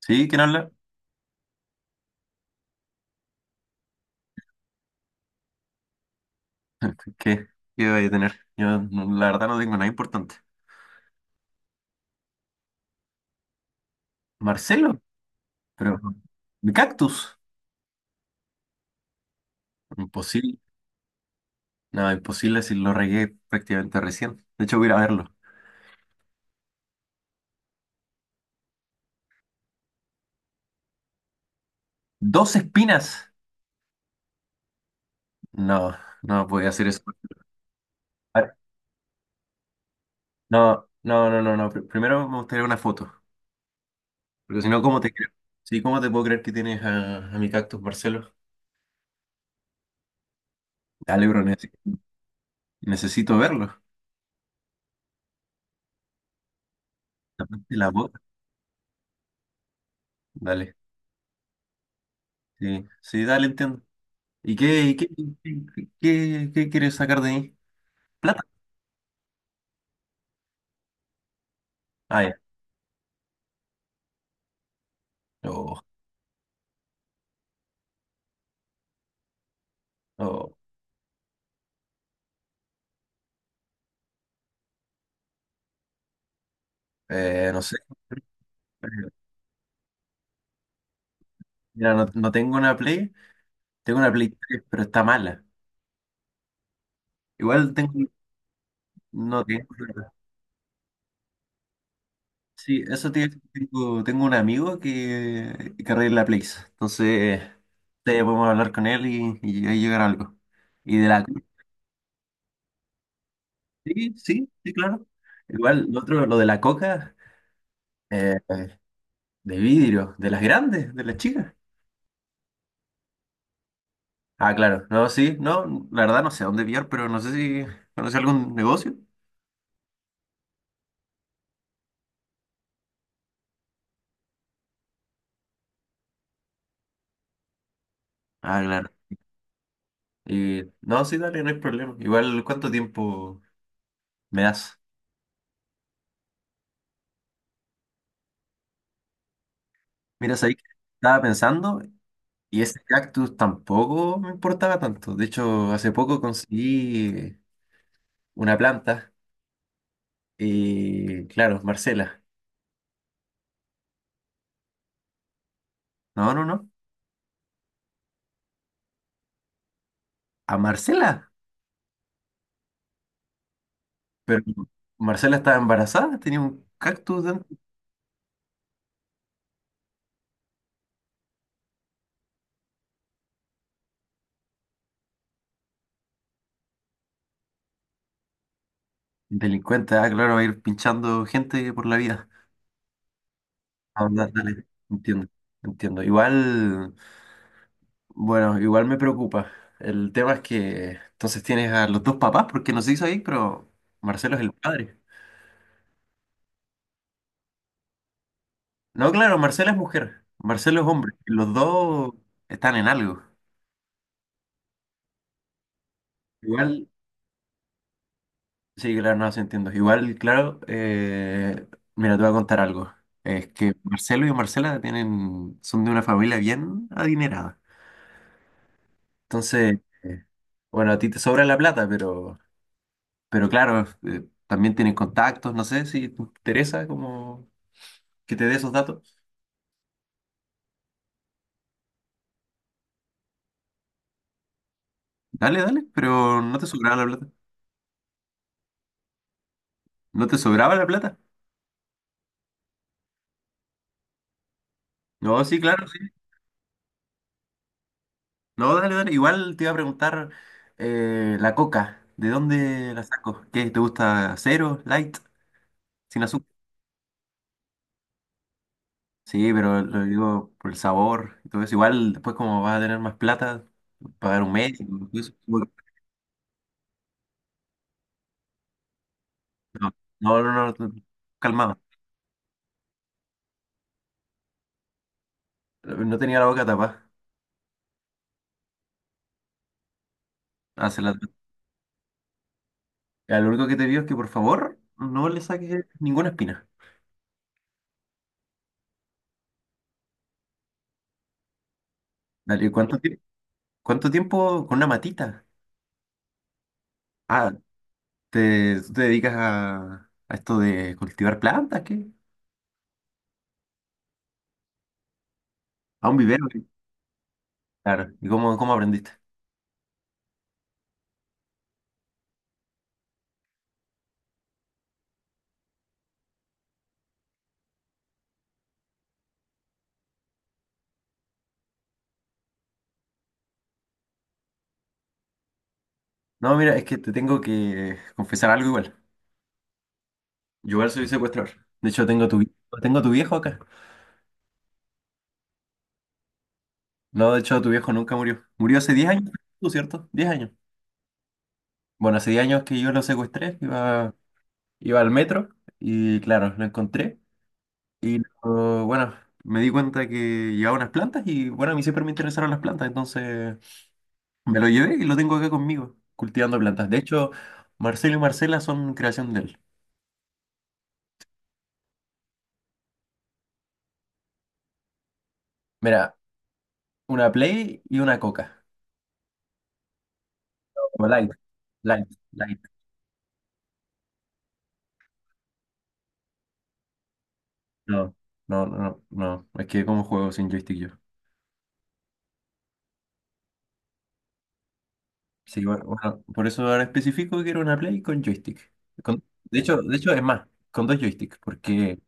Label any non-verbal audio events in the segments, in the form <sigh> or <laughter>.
¿Sí? ¿Quién habla? <laughs> ¿Qué, qué voy a tener? Yo la verdad no tengo nada importante. ¿Marcelo? Pero... ¿Mi cactus? Imposible. No, imposible si lo regué prácticamente recién. De hecho, voy a ir a verlo. ¿Dos espinas? No, no voy a hacer eso. A ver, no, no, no, no, no. Primero me gustaría una foto. Porque si no, ¿cómo te creo? Sí, ¿cómo te puedo creer que tienes a mi cactus, Marcelo? Dale, bro, necesito verlo. Tapaste la boca. Dale. Sí, sí, dale, entiendo. Y qué, qué, qué quieres sacar de mí? ¿Plata? Ah, ya. Oh, oh, no sé. Mira, no, no tengo una Play, tengo una Play 3, pero está mala. Igual tengo, no tengo plata. Sí, eso te, tengo, tengo un amigo que arregla Plays. Entonces, te podemos hablar con él y ahí llegar a algo. Y de la sí, sí, sí, claro. Igual, lo otro, lo de la coca, eh, de vidrio, de las grandes, de las chicas. Ah, claro. No, sí, no, la verdad no sé a dónde pillar, pero no sé si conoce algún negocio. Ah, claro. Y no, sí, dale, no hay problema. Igual, ¿cuánto tiempo me das? Mira, sabí que estaba pensando y ese cactus tampoco me importaba tanto. De hecho, hace poco conseguí una planta y, claro, Marcela. No, no, no. ¿A Marcela? Pero Marcela estaba embarazada, tenía un cactus dentro. Delincuente, ah, claro, va a ir pinchando gente por la vida. Ah, dale, entiendo, entiendo. Igual, bueno, igual me preocupa. El tema es que entonces tienes a los dos papás, porque no se hizo ahí, pero Marcelo es el padre. No, claro, Marcela es mujer, Marcelo es hombre, y los dos están en algo. Igual, sí, claro, no, se entiendo. Igual, claro, mira, te voy a contar algo. Es que Marcelo y Marcela tienen, son de una familia bien adinerada. Entonces, bueno, a ti te sobra la plata, pero claro, también tienen contactos, no sé si te interesa como que te dé esos datos. Dale, dale, pero no te sobraba la plata. ¿No te sobraba la plata? No, sí, claro, sí. No, dale, dale. Igual te iba a preguntar la coca, ¿de dónde la saco? ¿Qué? ¿Te gusta cero, light, sin azúcar? Sí, pero lo digo por el sabor y todo eso. Igual después como vas a tener más plata, pagar un médico, todo eso. No, no, no, no, calmado. No tenía la boca tapada. Hace la ya, lo único que te digo es que por favor no le saques ninguna espina. Dale, ¿cuánto tiempo? ¿Cuánto tiempo con una matita? Ah, ¿te, tú te dedicas a esto de cultivar plantas? ¿Qué? A un vivero. ¿Qué? Claro. ¿Y cómo, cómo aprendiste? No, mira, es que te tengo que confesar algo igual. Yo igual soy secuestrador. De hecho, tengo tu, tengo tu viejo acá. No, de hecho, tu viejo nunca murió. Murió hace 10 años, ¿tú cierto? 10 años. Bueno, hace 10 años que yo lo secuestré, iba, iba al metro y claro, lo encontré. Y oh, bueno, me di cuenta que llevaba unas plantas y bueno, a mí siempre me interesaron las plantas, entonces me lo llevé y lo tengo acá conmigo, cultivando plantas. De hecho, Marcelo y Marcela son creación de él. Mira, una Play y una Coca. O Light, Light, Light. No, no, no, no. Es que como juego sin joystick yo. Sí, bueno, bueno, por eso ahora especifico que era una Play con joystick. Con- de hecho, es más, con dos joysticks, porque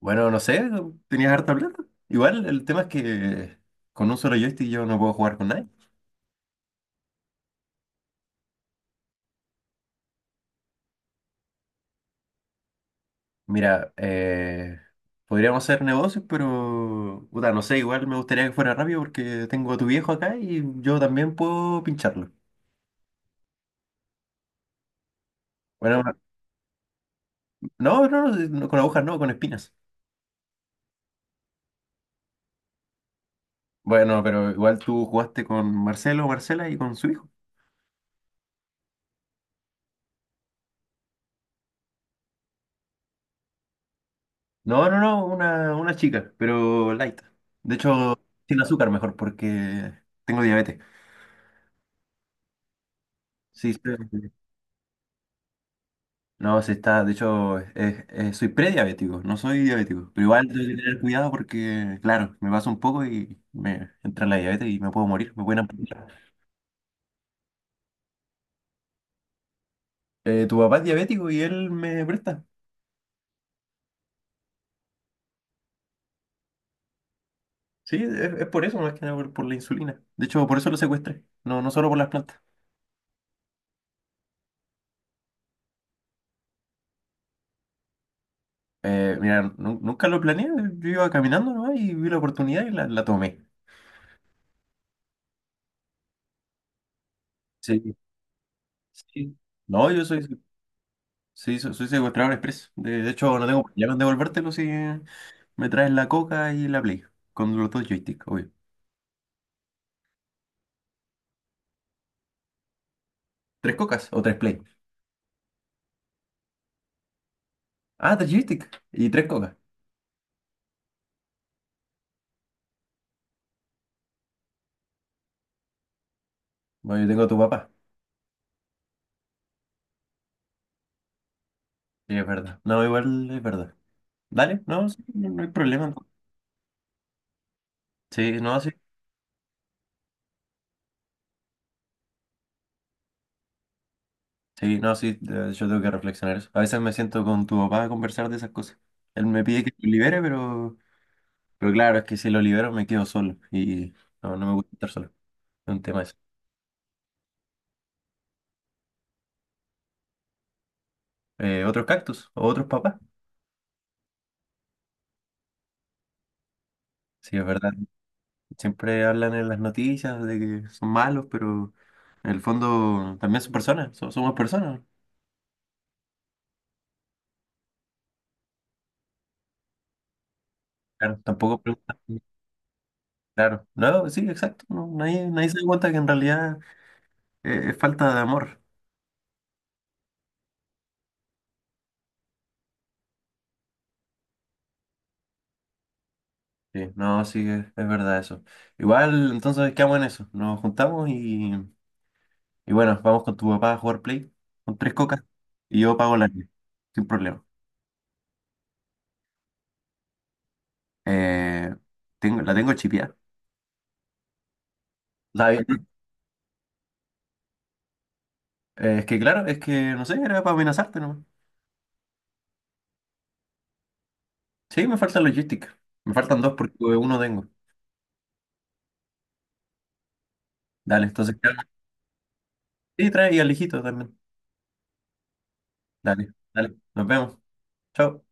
bueno, no sé, tenías harta plata. Igual, el tema es que con un solo joystick yo no puedo jugar con nadie. Mira, podríamos hacer negocios, pero puta, no sé, igual me gustaría que fuera rápido porque tengo a tu viejo acá y yo también puedo pincharlo. Bueno, no, no, no, no, con agujas no, con espinas. Bueno, pero igual tú jugaste con Marcelo, Marcela y con su hijo. No, no, no, una chica, pero light. De hecho, sin azúcar mejor porque tengo diabetes. Sí, sí. No, se está, de hecho, soy prediabético, no soy diabético, pero igual tengo que tener cuidado porque, claro, me pasa un poco y me entra la diabetes y me puedo morir, me pueden amputar. Tu papá es diabético y él me presta. Sí, es por eso, más que nada por, por la insulina. De hecho, por eso lo secuestré, no, no solo por las plantas. Mira, nunca lo planeé, yo iba caminando, ¿no? Y vi la oportunidad y la tomé. Sí, sí. No, yo soy sí, soy secuestrador expreso. De hecho, no tengo problema en devolvértelo si me traes la coca y la play. Con los dos joysticks, obvio. ¿Tres cocas o tres play? Ah, tres joysticks y tres cocas. Bueno, yo tengo a tu papá. Sí, es verdad. No, igual es verdad. Dale, no, sí, no, no hay problema. Sí, no, sí. Sí, no, sí. de- Yo tengo que reflexionar eso. A veces me siento con tu papá a conversar de esas cosas. Él me pide que lo libere, pero claro, es que si lo libero me quedo solo. Y no, no me gusta estar solo. Es un tema eso. ¿Otros cactus? ¿O otros papás? Sí, es verdad. Siempre hablan en las noticias de que son malos, pero en el fondo también son personas, somos personas. Claro, tampoco preguntan. Claro, no, sí, exacto. No, nadie, nadie se da cuenta que en realidad es falta de amor. Sí, no, sí, es verdad eso. Igual, entonces quedamos en eso. Nos juntamos y bueno, vamos con tu papá a jugar Play con tres cocas y yo pago la mía, sin problema. Eh, tengo, la tengo chipeada. La- eh, es que claro, es que no sé, era para amenazarte, no. Sí, me falta logística. Me faltan dos porque uno tengo. Dale, entonces, claro. Sí, trae y al hijito también. Dale, dale. Nos vemos. Chao.